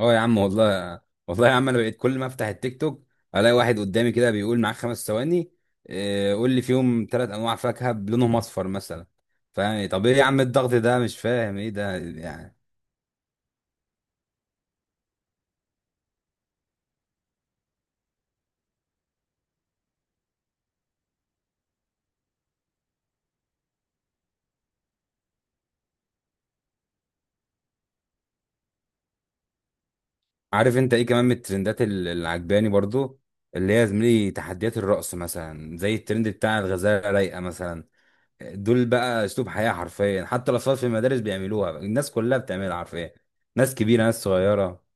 اه يا عم والله. والله يا عم انا بقيت كل ما افتح التيك توك الاقي واحد قدامي كده بيقول معاك خمس ثواني. إيه، قول لي فيهم ثلاث انواع فاكهه بلونهم اصفر مثلا. فاهم؟ طب ايه يا عم الضغط ده؟ مش فاهم ايه ده يعني. عارف انت ايه كمان من الترندات اللي عجباني برضو؟ اللي هي يا زميلي تحديات الرقص مثلا زي الترند بتاع الغزاله رايقه مثلا. دول بقى اسلوب حياه حرفيا، حتى الاطفال في المدارس بيعملوها، الناس كلها بتعملها حرفيا. ناس كبيره ناس صغيره.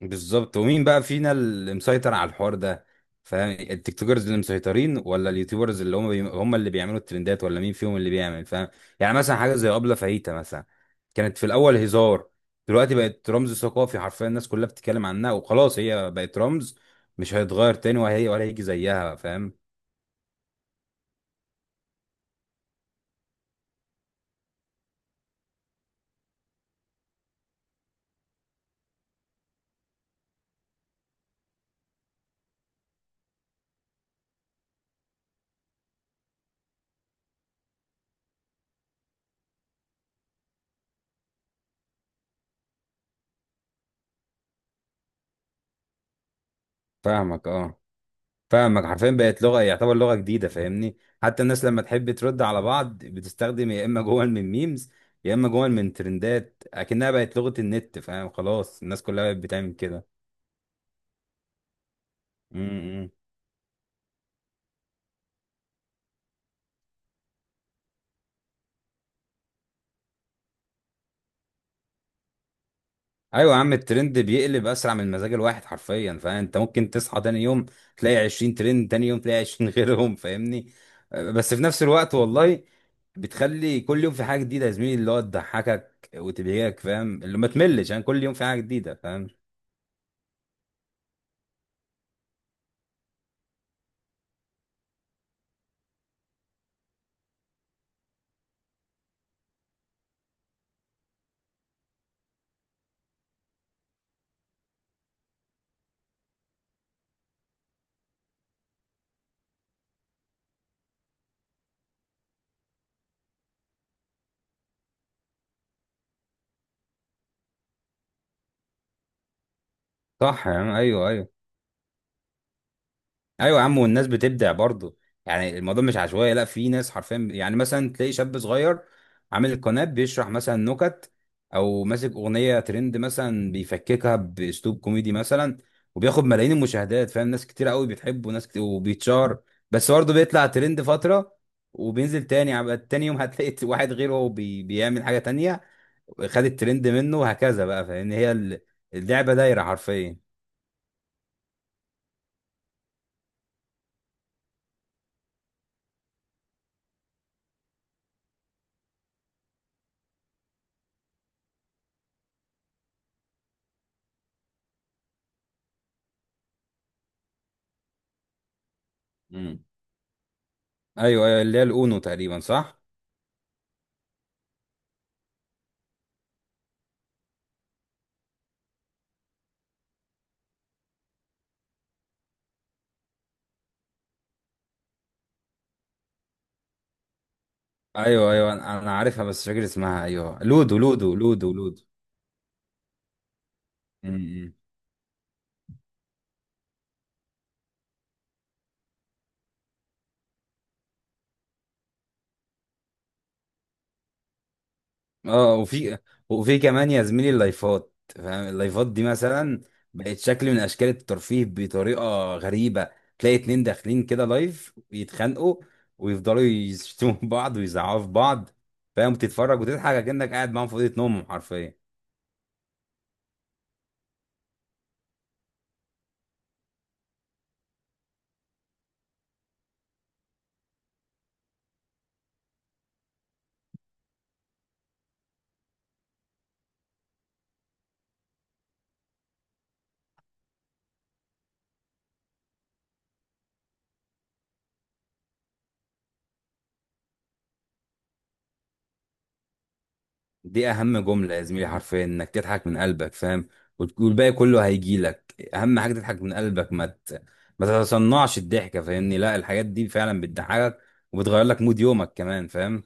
بالظبط. ومين بقى فينا اللي مسيطر على الحوار ده؟ فاهم، التيك توكرز اللي مسيطرين ولا اليوتيوبرز اللي هم اللي بيعملوا الترندات؟ ولا مين فيهم اللي بيعمل؟ فاهم؟ يعني مثلا حاجه زي ابله فاهيتا مثلا كانت في الاول هزار. دلوقتي بقت رمز ثقافي حرفيا، الناس كلها بتتكلم عنها وخلاص هي بقت رمز. مش هيتغير تاني وهي ولا هيجي زيها. فاهم؟ فاهمك اه. فاهمك حرفيا بقت لغه، يعتبر لغه جديده فاهمني. حتى الناس لما تحب ترد على بعض بتستخدم يا اما جمل من ميمز يا اما جمل من ترندات، اكنها بقت لغه النت. فاهم؟ خلاص الناس كلها بقت بتعمل كده. امم. ايوه يا عم الترند بيقلب اسرع من مزاج الواحد حرفيا. فانت ممكن تصحى تاني يوم تلاقي 20 ترند، تاني يوم تلاقي 20 غيرهم. فاهمني؟ بس في نفس الوقت والله بتخلي كل يوم في حاجه جديده يا زميلي، اللي هو تضحكك وتبهجك فاهم، اللي ما تملش يعني. كل يوم في حاجه جديده فاهم. صح يا عم، ايوه ايوه. ايوه يا عم والناس بتبدع برضه. يعني الموضوع مش عشوائي، لا، في ناس حرفيا يعني مثلا تلاقي شاب صغير عامل القناه بيشرح مثلا نكت او ماسك اغنيه ترند مثلا بيفككها باسلوب كوميدي مثلا وبياخد ملايين المشاهدات فاهم. ناس كتير قوي بتحبه، ناس كتير وبيتشهر. بس برضه بيطلع ترند فتره وبينزل تاني تاني يوم هتلاقي واحد غيره هو بيعمل حاجه تانية. خد الترند منه وهكذا بقى. فاهم؟ هي اللعبه دايره حرفيا. ايوه ايوه، اللي هي الاونو تقريبا، صح؟ ايوه ايوه انا أنا عارفها بس مش فاكر اسمها. ايوه، لودو لودو لودو لودو. م- م. اه، وفي كمان يا زميلي اللايفات فاهم. اللايفات دي مثلا بقت شكل من اشكال الترفيه بطريقه غريبه، تلاقي اتنين داخلين كده لايف يتخانقوا، ويفضلوا يشتموا بعض ويزعقوا في بعض. فاهم، تتفرج وتضحك كأنك قاعد معاهم في اوضه نومهم حرفيا. دي اهم جمله يا زميلي حرفيا، انك تضحك من قلبك فاهم. والباقي كله هيجي لك. اهم حاجه تضحك من قلبك، ما تتصنعش الضحكه فاهمني. لا، الحاجات دي فعلا بتضحكك وبتغير لك مود يومك كمان فاهم.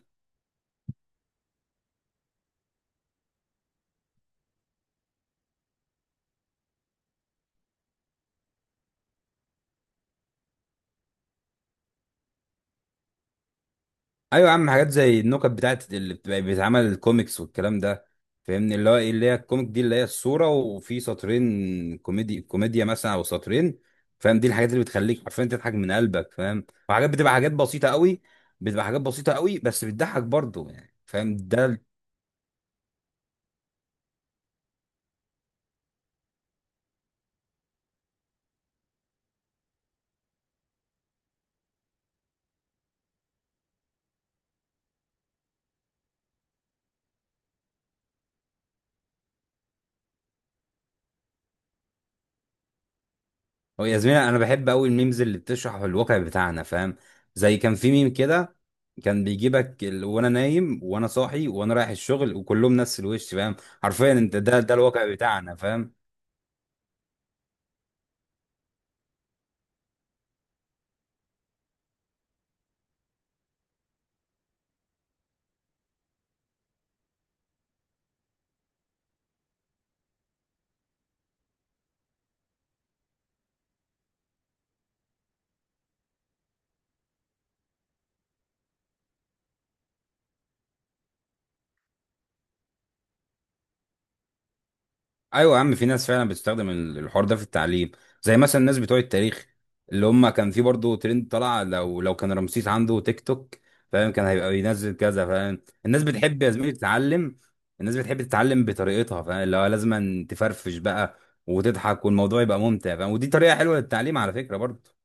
ايوه يا عم حاجات زي النكت بتاعت اللي بتبقى بيتعمل الكوميكس والكلام ده فاهمني. اللي هو ايه اللي هي الكوميك دي، اللي هي الصوره وفي سطرين كوميدي كوميديا مثلا او سطرين فاهم. دي الحاجات اللي بتخليك حرفيا تضحك من قلبك فاهم، وحاجات بتبقى حاجات بسيطه قوي، بتبقى حاجات بسيطه قوي بس بتضحك برضه يعني فاهم. ده هو يا زميلي انا بحب قوي الميمز اللي بتشرح الواقع بتاعنا فاهم. زي كان في ميم كده كان بيجيبك وانا نايم وانا صاحي وانا رايح الشغل وكلهم نفس الوش فاهم. حرفيا انت ده الواقع بتاعنا فاهم. ايوه يا عم، في ناس فعلا بتستخدم الحوار ده في التعليم. زي مثلا الناس بتوع التاريخ، اللي هم كان في برضه ترند طلع: لو كان رمسيس عنده تيك توك فاهم كان هيبقى بينزل كذا. فاهم الناس بتحب يا زميلي تتعلم. الناس بتحب تتعلم بطريقتها فاهم، اللي هو لازم تفرفش بقى وتضحك والموضوع يبقى ممتع فاهم. ودي طريقة حلوة للتعليم على فكرة برضه.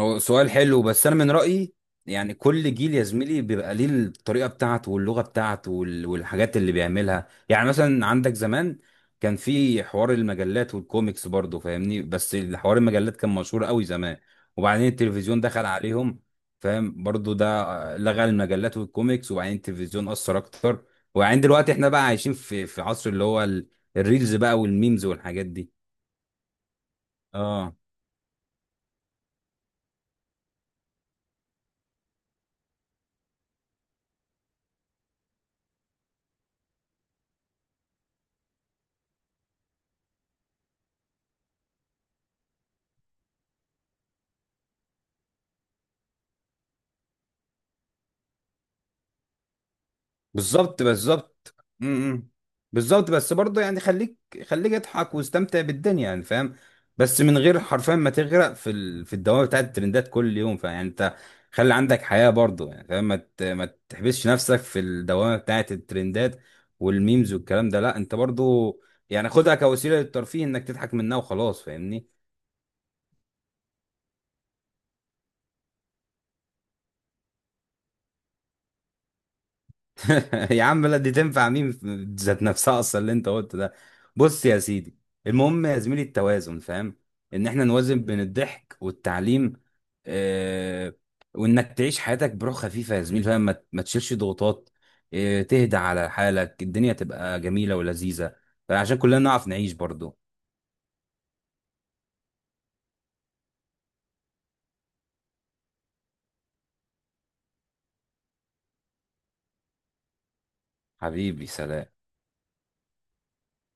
هو سؤال حلو بس انا من رايي، يعني كل جيل يا زميلي بيبقى ليه الطريقه بتاعته واللغه بتاعته والحاجات اللي بيعملها. يعني مثلا عندك زمان كان في حوار المجلات والكوميكس برضه فاهمني، بس حوار المجلات كان مشهور قوي زمان. وبعدين التلفزيون دخل عليهم فاهم برضه. ده لغى المجلات والكوميكس. وبعدين التلفزيون اثر اكتر. وبعدين دلوقتي احنا بقى عايشين في عصر اللي هو الريلز بقى والميمز والحاجات دي. اه، بالظبط بالظبط. امم بالظبط. بس برضه يعني خليك خليك اضحك واستمتع بالدنيا يعني فاهم. بس من غير حرفيا ما تغرق في الدوامه بتاعت الترندات كل يوم. فيعني انت خلي عندك حياه برضه يعني فاهم. ما تحبسش نفسك في الدوامه بتاعت الترندات والميمز والكلام ده. لا، انت برضه يعني خدها كوسيله للترفيه انك تضحك منها وخلاص فاهمني. يا عم لا، دي تنفع مين ذات نفسها اصلا اللي انت قلته ده. بص يا سيدي، المهم يا زميلي التوازن فاهم، ان احنا نوازن بين الضحك والتعليم. اه، وانك تعيش حياتك بروح خفيفه يا زميلي فاهم، ما تشيلش ضغوطات. اه، تهدى على حالك الدنيا تبقى جميله ولذيذه، عشان كلنا نعرف نعيش برضو. حبيبي سلام.